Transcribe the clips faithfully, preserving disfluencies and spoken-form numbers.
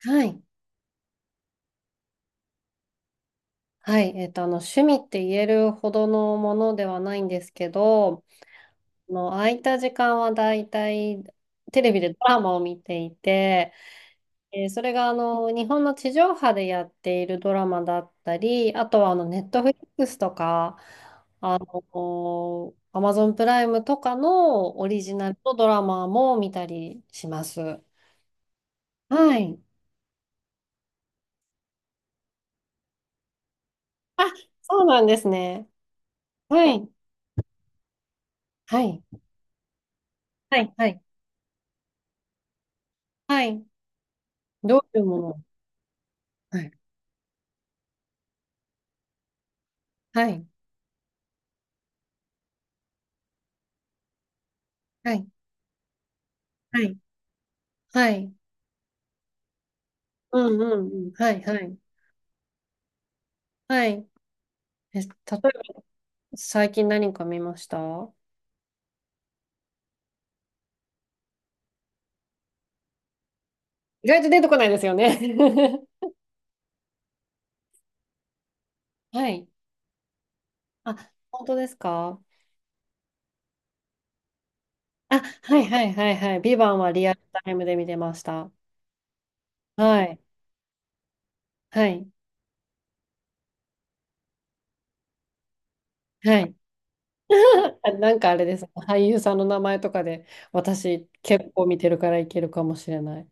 はい。はい。えっと、あの、趣味って言えるほどのものではないんですけど、あの、空いた時間はだいたいテレビでドラマを見ていて、えーそれがあの、日本の地上波でやっているドラマだったり、あとはあの、ネットフリックスとか、あの、アマゾンプライムとかのオリジナルのドラマも見たりします。はい。あ、そうなんですね。はい。はい。はい。はい。はい。どういうもの。はい。はい。はい。はい。はい。うんうんうん。はい。はい。はい。え、例えば、最近何か見ました？意外と出てこないですよね。はい。あ、本当ですか？あ、はいはいはいはい。ビバンはリアルタイムで見てました。はい。はい。はい。あ、なんかあれです。俳優さんの名前とかで、私結構見てるからいけるかもしれない。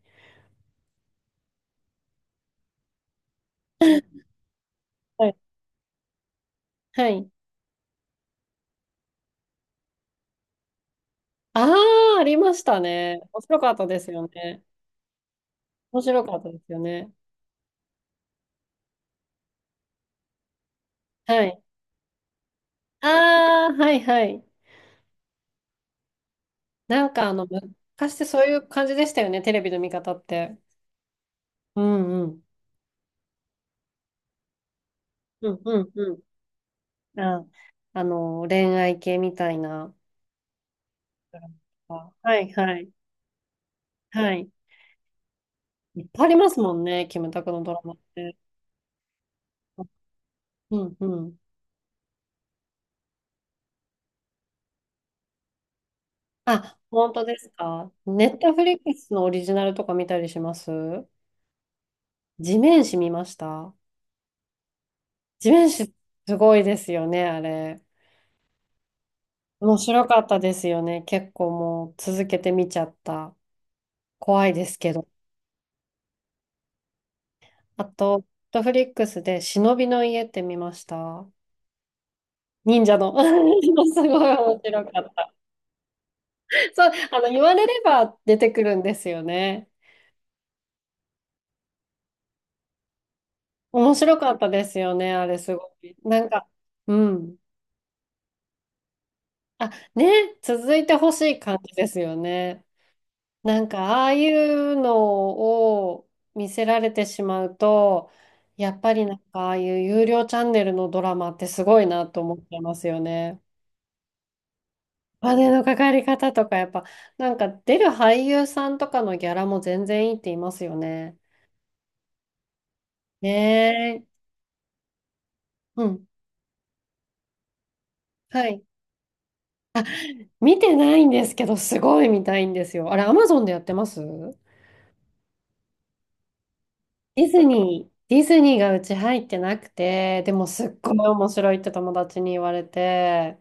はい。はい。あ、あありましたね。面白かったですよね。面白かったですよね。はい。ああ、はいはい。なんかあの、昔ってそういう感じでしたよね、テレビの見方って。うんうん。うんうんうん。あ、あの、恋愛系みたいな。はいはい。はい。いっぱいありますもんね、キムタクのドラマって。うんうん。あ、本当ですか。ネットフリックスのオリジナルとか見たりします？地面師見ました？地面師すごいですよね、あれ。面白かったですよね。結構もう続けて見ちゃった。怖いですけど。あと、ネットフリックスで忍びの家って見ました？忍者の。すごい面白かった。そう、あの、言われれば出てくるんですよね。面白かったですよね、あれすごい。なんか、うん。あ、ね、続いてほしい感じですよね。なんかああいうのを見せられてしまうと、やっぱりなんかああいう有料チャンネルのドラマってすごいなと思ってますよね。お金のかかり方とかやっぱなんか出る俳優さんとかのギャラも全然いいって言いますよね。ねえ。うん。はい。あ、見てないんですけどすごい見たいんですよ。あれ、アマゾンでやってます？ディズニー、ディズニーがうち入ってなくて、でもすっごい面白いって友達に言われて。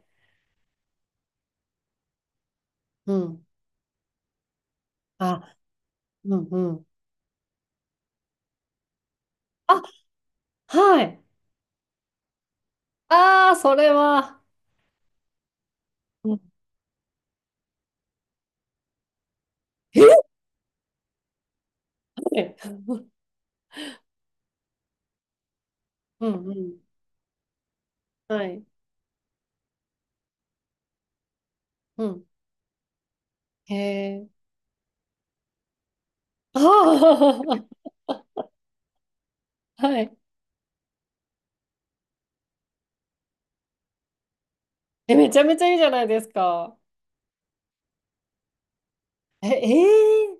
うん。あ、うん、うん。あ、はい。ああ、それは。うん、ええ。 うん、うん。はい。うん。へえ。ああ、はい。え、めちゃめちゃいいじゃないですか。え、え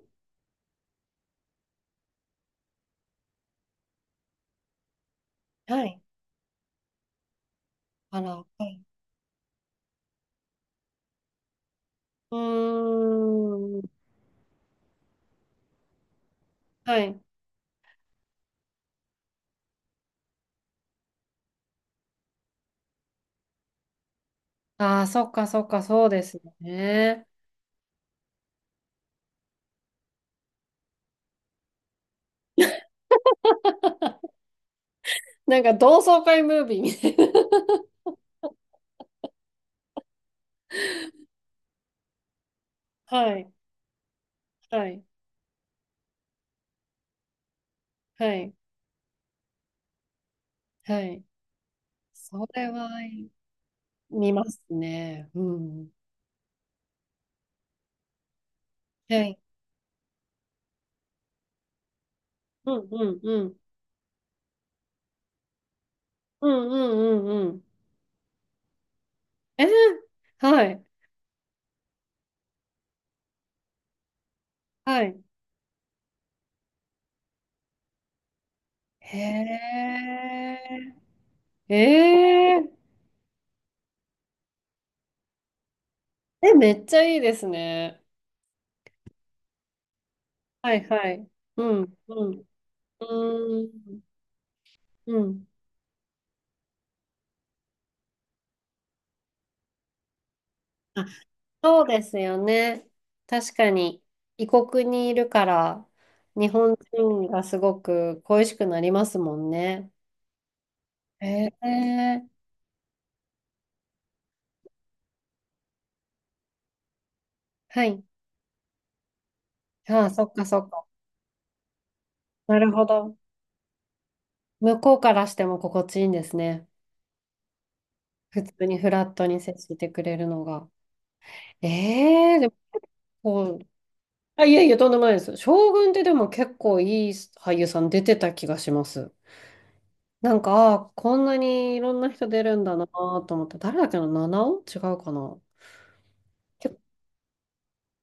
え、はい。あら、はい。うーん。はい。ああ、そっか、そっか、そうですよね。なんか同窓会ムービーみたいな。はい。はい。はい。はい。それは見ますね。うん。はい。うんうんうん。うんうんうんうん。え、はい。はい。へえ。えー。え、めっちゃいいですね。はいはい。うん。うん。うーん。うん。あ、そうですよね。確かに、異国にいるから、日本人がすごく恋しくなりますもんね。へえ。はい。ああ、そっかそっか。なるほど。向こうからしても心地いいんですね。普通にフラットに接してくれるのが。ええ、でもこう、あ、いやいや、とんでもないです。将軍ってでも結構いい俳優さん出てた気がします。なんか、あーこんなにいろんな人出るんだなと思って、誰だっけな、七尾違うかな。結構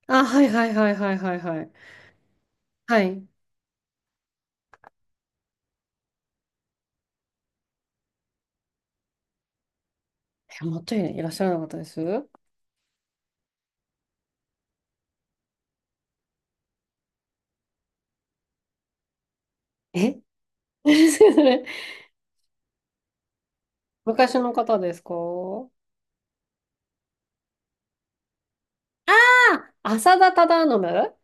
あ、はいはいはいはいはいはい。はい。え、もっといらっしゃらなかったです？え。 それ昔の方ですか？あ、浅田忠信、ああ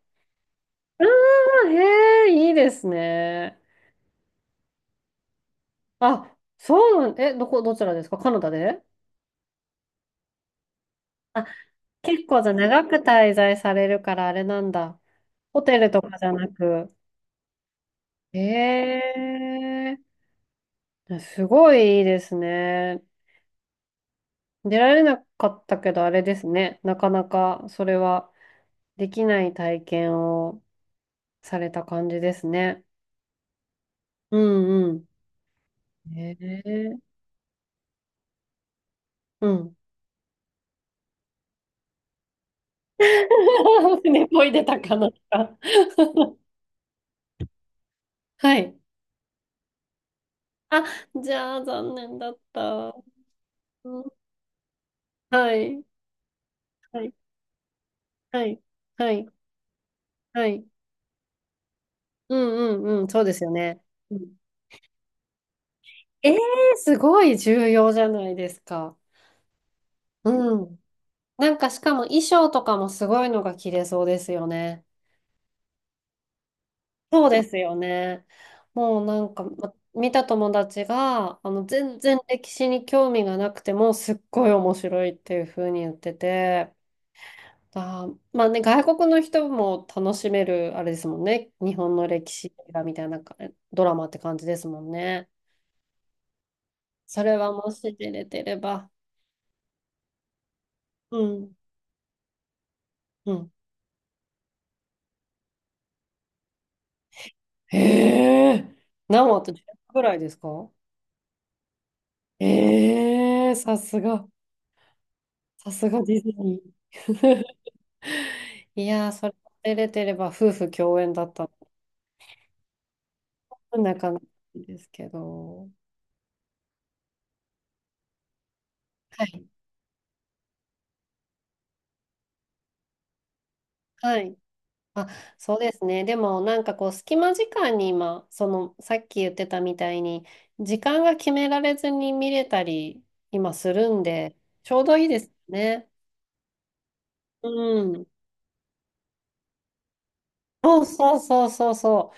ー、へえ、いいですね。あ、そうなん、え、どこ、どちらですか？カナダで？あ、結構じゃあ長く滞在されるからあれなんだ。ホテルとかじゃなく。へえ、すごいいいですね。出られなかったけどあれですね。なかなかそれはできない体験をされた感じですね。うんうん。へえ、うん。船こいでたかなか。 はい。あ、じゃあ残念だった。うん、はい。はい。はい。はい。はい。うんうんうん。そうですよね。うん、えー、すごい重要じゃないですか。うん。なんかしかも衣装とかもすごいのが着れそうですよね。そうですよね。もうなんか、ま見た友達が、あの、全然歴史に興味がなくても、すっごい面白いっていう風に言ってて、あー、まあね、外国の人も楽しめる、あれですもんね。日本の歴史映画みたいなかドラマって感じですもんね。それはもし出れてれば。うん。うん。へえ。何話とじゅうぐらいですか？ええー、さすが。さすがディズニー。いやー、それ出れてれば夫婦共演だったのなかなかですけど。はい。はい。あ、そうですね。でもなんかこう隙間時間に今、そのさっき言ってたみたいに時間が決められずに見れたり今するんでちょうどいいですね。うん。そうそうそうそうそう。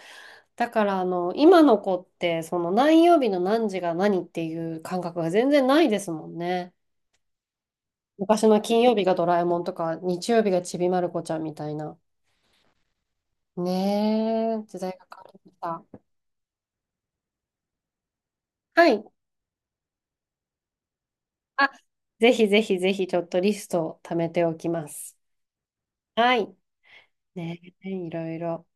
だからあの今の子ってその何曜日の何時が何っていう感覚が全然ないですもんね。昔の金曜日がドラえもんとか日曜日がちびまる子ちゃんみたいな。ねえ、時代が変わりました。はい。あ、ぜひぜひぜひちょっとリストを貯めておきます。はい。ね、いろいろ。